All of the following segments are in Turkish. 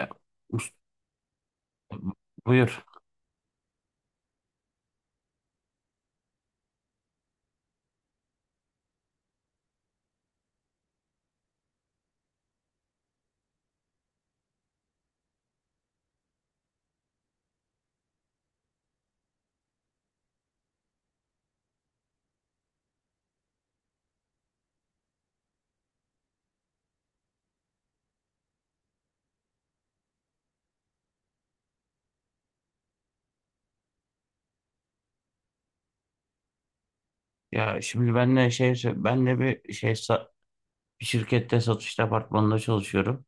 E, ust- Buyur. Ya şimdi benle şey benle bir şey sa- Bir şirkette satış departmanında çalışıyorum.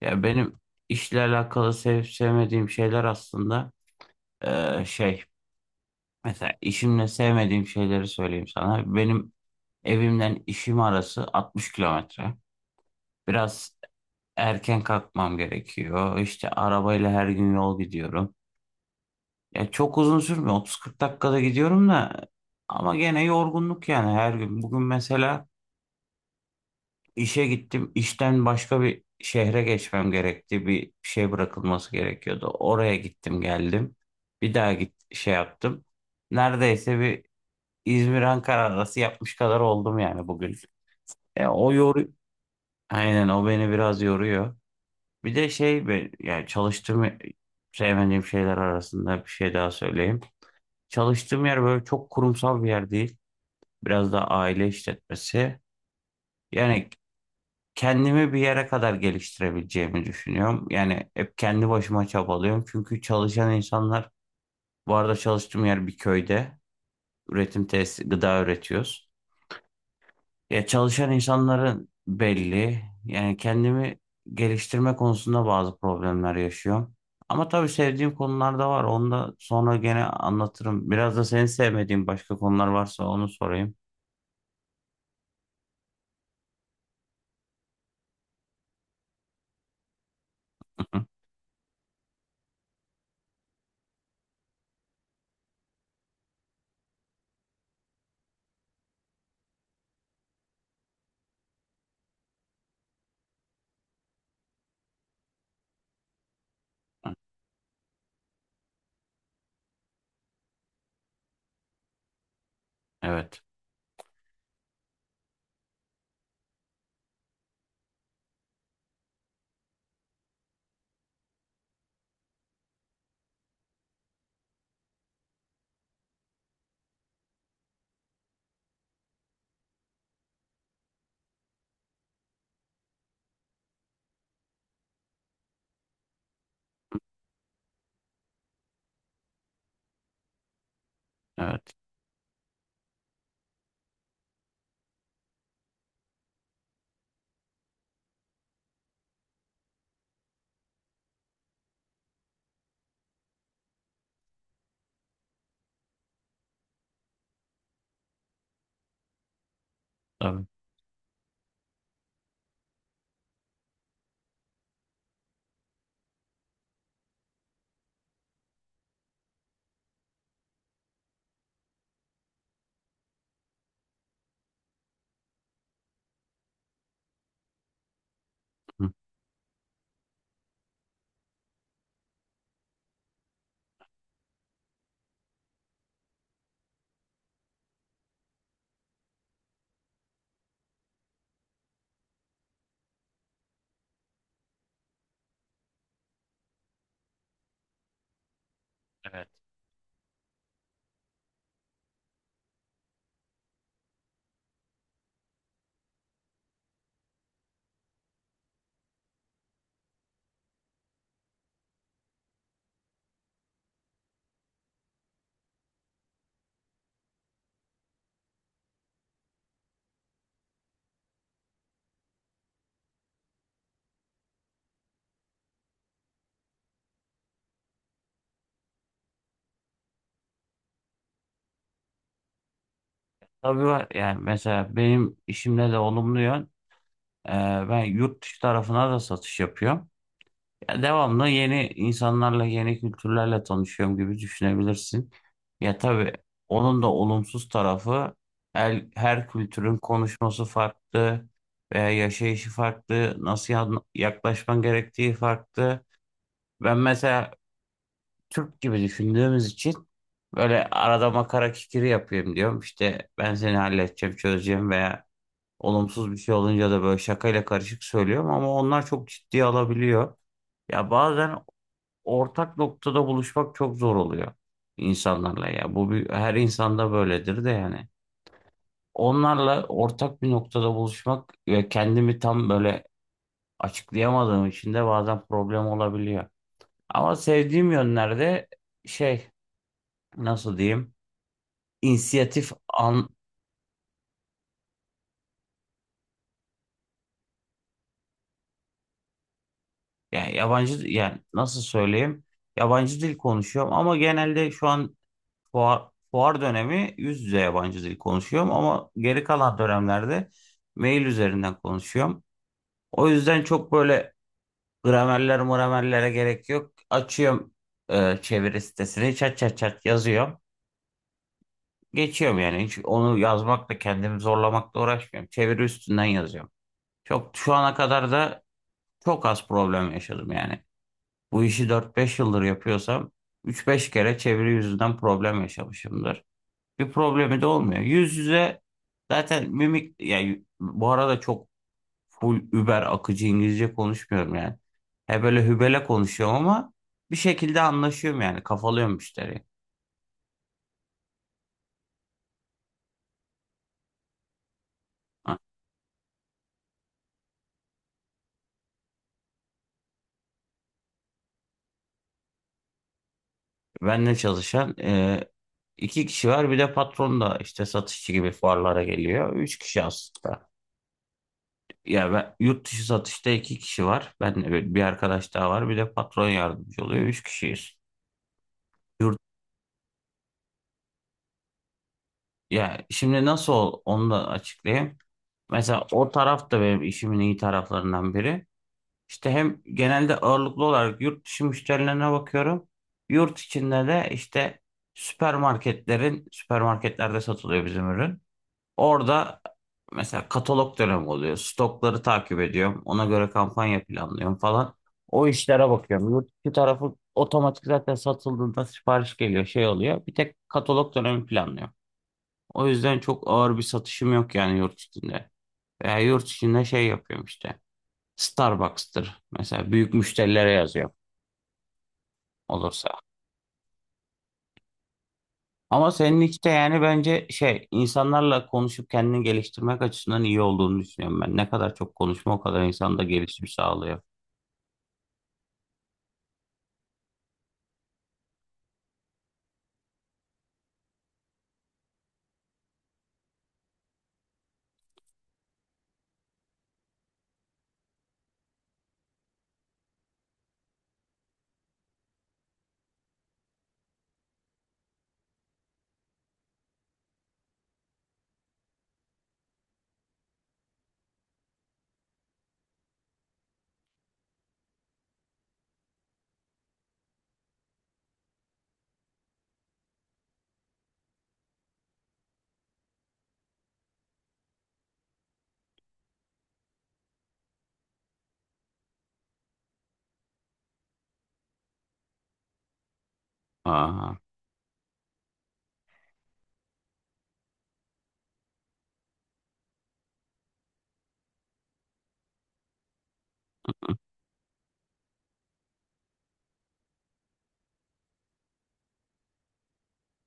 Ya benim işle alakalı sevip sevmediğim şeyler aslında e, şey mesela işimle sevmediğim şeyleri söyleyeyim sana. Benim evimden işim arası 60 kilometre. Biraz erken kalkmam gerekiyor. İşte arabayla her gün yol gidiyorum. Ya çok uzun sürmüyor. 30-40 dakikada gidiyorum da ama gene yorgunluk yani her gün. Bugün mesela İşe gittim. İşten başka bir şehre geçmem gerekti. Bir şey bırakılması gerekiyordu. Oraya gittim geldim. Bir daha git şey yaptım. Neredeyse bir İzmir-Ankara arası yapmış kadar oldum yani bugün. O yoruyor. Aynen o beni biraz yoruyor. Bir de şey be- Yani çalıştığım sevmediğim şeyler arasında bir şey daha söyleyeyim. Çalıştığım yer böyle çok kurumsal bir yer değil. Biraz da aile işletmesi. Yani kendimi bir yere kadar geliştirebileceğimi düşünüyorum. Yani hep kendi başıma çabalıyorum. Çünkü çalışan insanlar, bu arada çalıştığım yer bir köyde. Üretim tesisi, gıda üretiyoruz. Ya çalışan insanların belli. Yani kendimi geliştirme konusunda bazı problemler yaşıyorum. Ama tabii sevdiğim konular da var. Onu da sonra gene anlatırım. Biraz da senin sevmediğin başka konular varsa onu sorayım. Evet, evet, tabii. Hı. Evet. Tabii var. Yani mesela benim işimde de olumlu yön. e, Ben yurt dışı tarafına da satış yapıyorum. Ya devamlı yeni insanlarla, yeni kültürlerle tanışıyorum gibi düşünebilirsin. Ya tabii onun da olumsuz tarafı her kültürün konuşması farklı veya yaşayışı farklı, nasıl yaklaşman gerektiği farklı. Ben mesela Türk gibi düşündüğümüz için böyle arada makara kikiri yapayım diyorum. İşte ben seni halledeceğim, çözeceğim veya olumsuz bir şey olunca da böyle şakayla karışık söylüyorum ama onlar çok ciddiye alabiliyor. Ya bazen ortak noktada buluşmak çok zor oluyor insanlarla ya. Bu bir, her insanda böyledir de yani. Onlarla ortak bir noktada buluşmak ve kendimi tam böyle açıklayamadığım için de bazen problem olabiliyor. Ama sevdiğim yönlerde şey nasıl diyeyim inisiyatif an yani yabancı yani nasıl söyleyeyim yabancı dil konuşuyorum ama genelde şu an fuar dönemi yüz yüze yabancı dil konuşuyorum ama geri kalan dönemlerde mail üzerinden konuşuyorum. O yüzden çok böyle gramerler muramerlere gerek yok. Açıyorum çeviri sitesini çat çat çat yazıyorum. Geçiyorum yani hiç onu yazmakla kendimi zorlamakla uğraşmıyorum. Çeviri üstünden yazıyorum. Çok şu ana kadar da çok az problem yaşadım yani. Bu işi 4-5 yıldır yapıyorsam 3-5 kere çeviri yüzünden problem yaşamışımdır. Bir problemi de olmuyor. Yüz yüze zaten mimik yani bu arada çok full über akıcı İngilizce konuşmuyorum yani. He böyle hübele konuşuyorum ama bir şekilde anlaşıyorum yani kafalıyorum müşteriyi. Ha, benle çalışan iki kişi var bir de patron da işte satışçı gibi fuarlara geliyor. Üç kişi aslında. Ya ben, yurt dışı satışta iki kişi var. Ben bir arkadaş daha var bir de patron yardımcı oluyor. Üç kişiyiz. Yurt, ya şimdi nasıl ol, onu da açıklayayım. Mesela o taraf da benim işimin iyi taraflarından biri. İşte hem genelde ağırlıklı olarak yurt dışı müşterilerine bakıyorum. Yurt içinde de işte süpermarketlerde satılıyor bizim ürün. Orada mesela katalog dönemi oluyor. Stokları takip ediyorum. Ona göre kampanya planlıyorum falan. O işlere bakıyorum. Yurt dışı tarafı otomatik zaten satıldığında sipariş geliyor, şey oluyor. Bir tek katalog dönemi planlıyor. O yüzden çok ağır bir satışım yok yani yurt içinde. Veya yurt içinde şey yapıyorum işte. Starbucks'tır mesela büyük müşterilere yazıyorum olursa. Ama senin işte yani bence şey insanlarla konuşup kendini geliştirmek açısından iyi olduğunu düşünüyorum ben. Ne kadar çok konuşma o kadar insanda gelişim sağlıyor. Aha.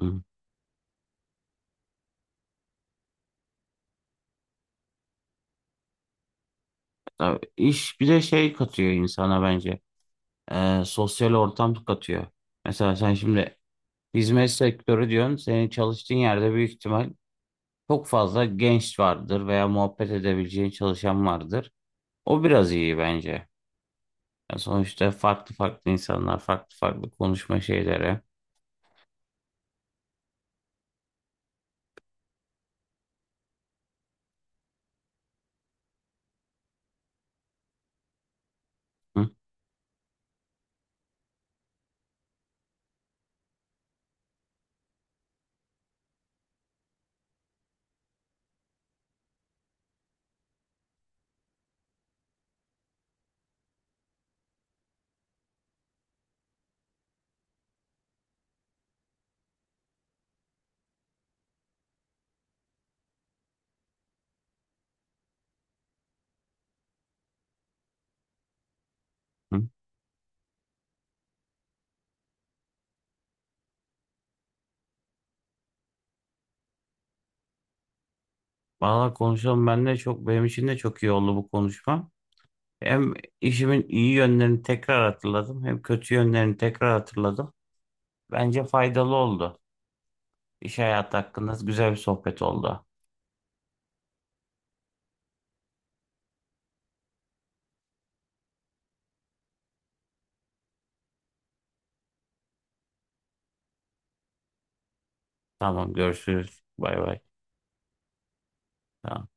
Hı. Tabii iş bir de şey katıyor insana bence. Sosyal ortam katıyor. Mesela sen şimdi hizmet sektörü diyorsun. Senin çalıştığın yerde büyük ihtimal çok fazla genç vardır veya muhabbet edebileceğin çalışan vardır. O biraz iyi bence. Ya sonuçta farklı farklı insanlar, farklı farklı konuşma şeyleri. Hı hı. Valla konuşalım ben de çok benim için de çok iyi oldu bu konuşma. Hem işimin iyi yönlerini tekrar hatırladım, hem kötü yönlerini tekrar hatırladım. Bence faydalı oldu. İş hayatı hakkında güzel bir sohbet oldu. Tamam, görüşürüz. Bay bay. Tamam.